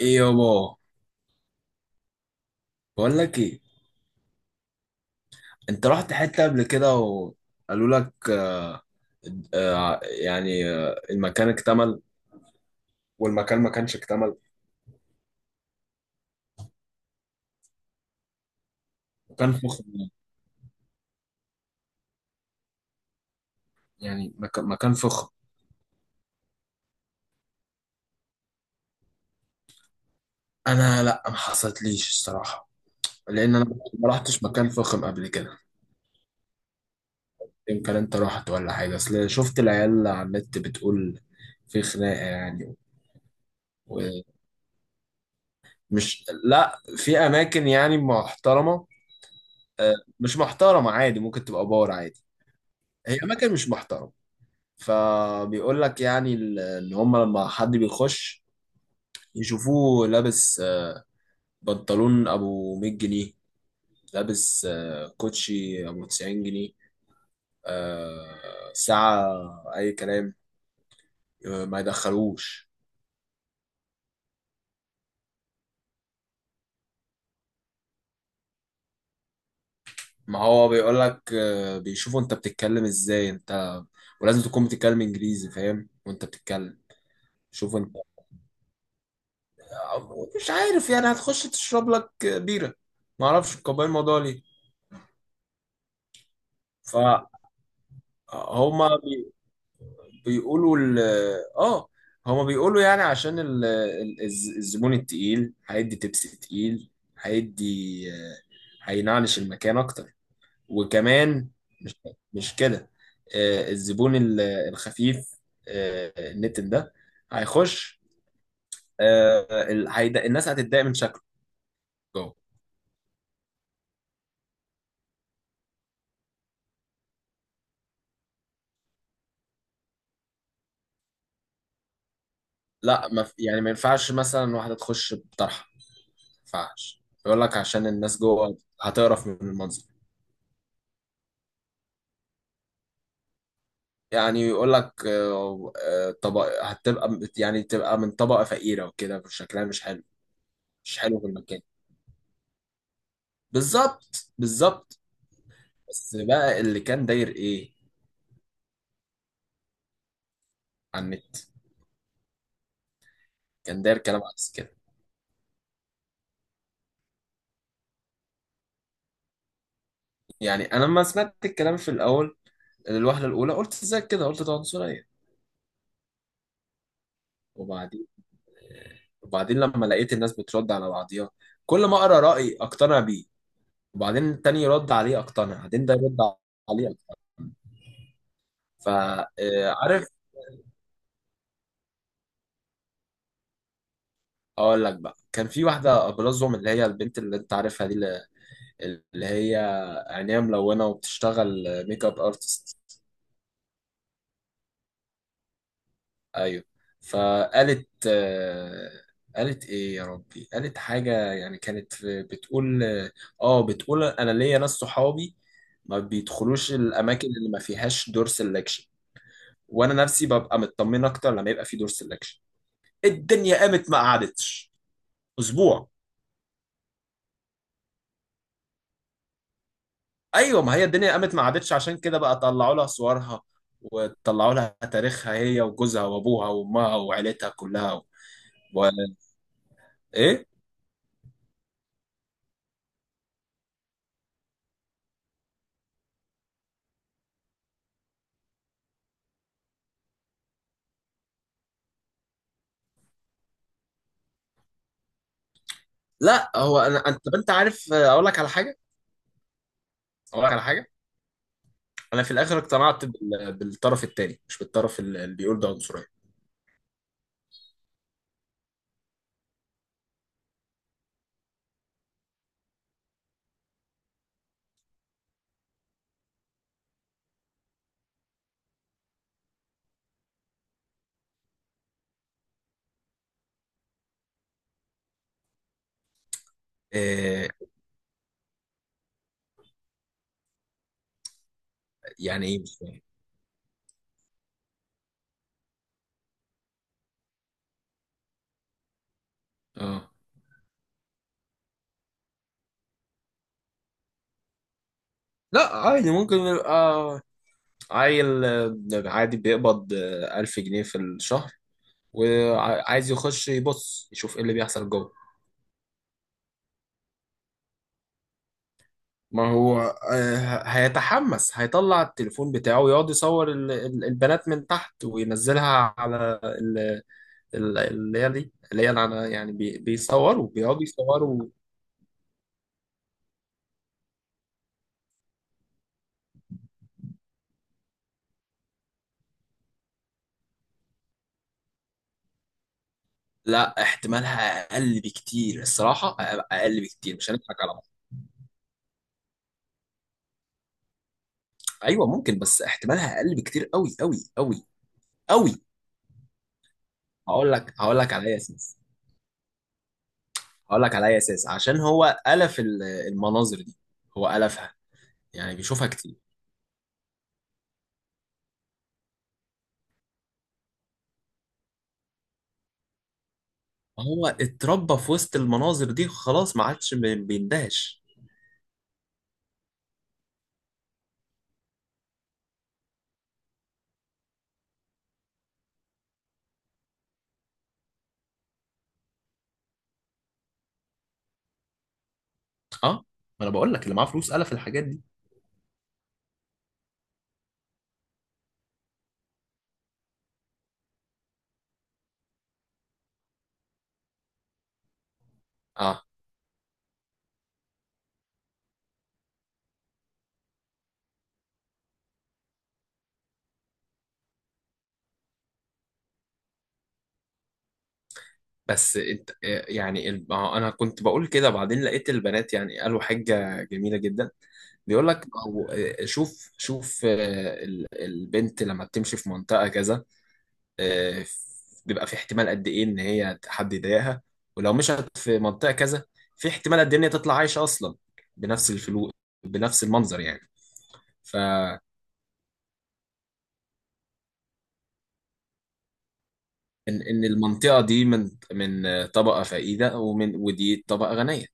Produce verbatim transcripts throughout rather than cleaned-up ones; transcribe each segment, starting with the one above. ايه يابا. بقول لك ايه؟ انت رحت حته قبل كده وقالوا لك آه يعني آه المكان اكتمل، والمكان ما كانش اكتمل، وكان فخم، يعني مك- مكان فخم. انا لا، ما حصلتليش الصراحه، لان انا ما رحتش مكان فخم قبل كده. يمكن انت رحت ولا حاجه، اصل شفت العيال على النت بتقول في خناقه يعني، ومش لا في اماكن يعني محترمه. آه، مش محترمه عادي، ممكن تبقى بار عادي. هي اماكن مش محترمه. فبيقول لك يعني ال- ان هم لما حد بيخش يشوفوه لابس آه، بنطلون ابو ميه جنيه، لابس آه، كوتشي ابو تسعين جنيه، آه، ساعة، اي كلام، آه، ما يدخلوش. ما هو بيقول لك آه، بيشوفوا انت بتتكلم ازاي، انت ولازم تكون بتتكلم انجليزي، فاهم؟ وانت بتتكلم. شوف انت، آه، مش عارف يعني، هتخش تشرب لك بيرة، ما اعرفش قبل الموضوع ليه. فهما بيقولوا ال اه هما بيقولوا يعني عشان ال- ال- الز- الزبون التقيل هيدي تبس تقيل، هيدي آه، هينعلش المكان اكتر. وكمان مش مش كده. آه، الزبون ال- الخفيف، آه، النتن ده هيخش، آه، ال- هيدا- الناس هتتضايق من شكله جوه. لا ما في- يعني ما ينفعش مثلا واحدة تخش بطرحة. ما ينفعش يقول لك عشان الناس جوه هتقرف من المنظر. يعني يقول لك آه، آه، طبق هتبقى يعني تبقى من طبقة فقيرة، وكده شكلها مش حلو، مش حلو في المكان. بالظبط، بالظبط. بس بقى اللي كان داير ايه على النت، كان داير كلام عكس كده. يعني انا لما سمعت الكلام في الاول، الوهلة الاولى قلت ازاي كده، قلت ده عنصرية. وبعدين وبعدين لما لقيت الناس بترد على بعضيها، كل ما اقرا رأي اقتنع بيه، وبعدين التاني يرد عليه اقتنع، بعدين ده يرد عليه اقتنع. فعارف، اقول لك بقى، كان في واحده ابرزهم، اللي هي البنت اللي انت عارفها دي، اللي اللي هي عينيها ملونه وبتشتغل ميك اب ارتست. ايوه. فقالت آه، قالت ايه يا ربي، قالت حاجه يعني، كانت في- بتقول، اه بتقول انا ليا ناس صحابي ما بيدخلوش الاماكن اللي ما فيهاش دور سelection، وانا نفسي ببقى مطمن اكتر لما يبقى في دور سelection. الدنيا قامت ما قعدتش اسبوع. ايوه، ما هي الدنيا قامت ما عادتش، عشان كده بقى طلعوا لها صورها، وطلعوا لها تاريخها، هي وجوزها وابوها وامها وعيلتها كلها، و... و... ايه. لا هو انا، انت طب انت عارف، اقول لك على حاجه، اقول لك على حاجه. انا في الاخر اقتنعت بال... بالطرف التاني، مش بالطرف ال- اللي بيقول ده عنصريه. إيه؟ يعني ايه؟ مش فاهم. اه، لا عادي، ممكن يبقى عيل آه، عادي بيقبض آه، الف جنيه في الشهر، وعايز يخش يبص يشوف ايه اللي بيحصل جوه. ما هو آه، هيتحمس، هيطلع التليفون بتاعه ويقعد يصور ال- ال- البنات من تحت وينزلها على ال- ال- اللي هي دي، اللي هي اللي على- يعني بي- بيصوروا، بيقعدوا يصوروا. لا، احتمالها اقل بكتير الصراحه، اقل بكتير، مش هنضحك على بعض. ايوه ممكن، بس احتمالها اقل بكتير، قوي قوي قوي قوي. هقول لك هقول لك على اي اساس، هقول لك على اي اساس، عشان هو الف ال- المناظر دي، هو الفها، يعني بيشوفها كتير. هو اتربى في وسط المناظر دي، خلاص ما عادش بي- بيندهش. اه، ما انا بقول لك اللي معاه فلوس قال في الحاجات دي. اه، بس انت آه، يعني ال- ما هو انا كنت بقول كده، بعدين لقيت البنات يعني قالوا حاجة جميلة جدا. بيقول لك او آه، شوف شوف، آه، ال- البنت لما بتمشي في منطقة كذا، آه، بيبقى في احتمال قد ايه ان هي حد يضايقها، ولو مشت في منطقة كذا، في احتمال قد ايه ان هي تطلع عايشة اصلا بنفس الفلوس، بنفس المنظر. يعني ان ان المنطقه دي من من طبقه فقيره، ومن ودي طبقه غنيه.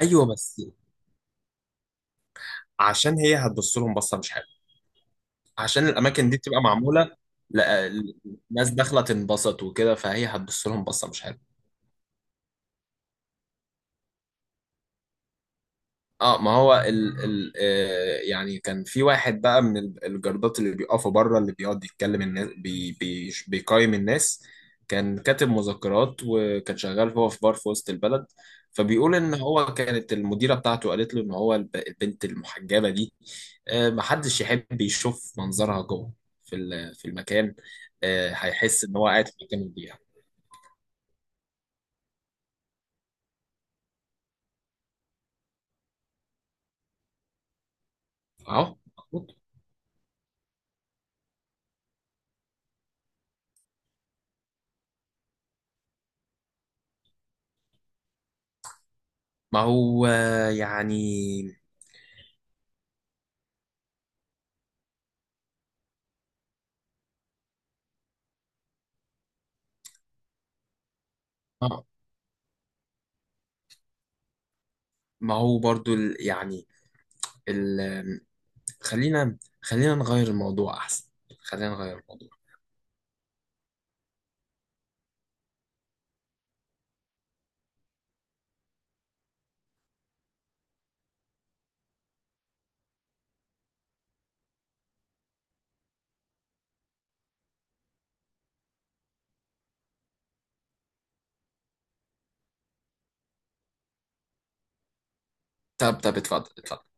ايوه، بس عشان هي هتبص لهم بصه مش حلوه، عشان الاماكن دي بتبقى معموله، لا- الناس داخله تنبسط وكده، فهي هتبص لهم بصه مش حلوه. اه ما هو ال ال آه يعني كان في واحد بقى من ال- الجردات اللي بيقفوا بره، اللي بيقعد يتكلم الناس، بي بي بيقيم الناس. كان كاتب مذكرات وكان شغال هو في بار في وسط البلد، فبيقول ان هو كانت المديرة بتاعته قالت له ان هو الب- البنت المحجبة دي، آه محدش يحب يشوف منظرها جوه في ال- في المكان. آه هيحس ان هو قاعد في مكان مضيع. اهو. ما هو آه، يعني آه، ما هو برضو ال- يعني ال... خلينا، خلينا نغير الموضوع احسن، خلينا نغير الموضوع. طب طب، اتفضل اتفضل.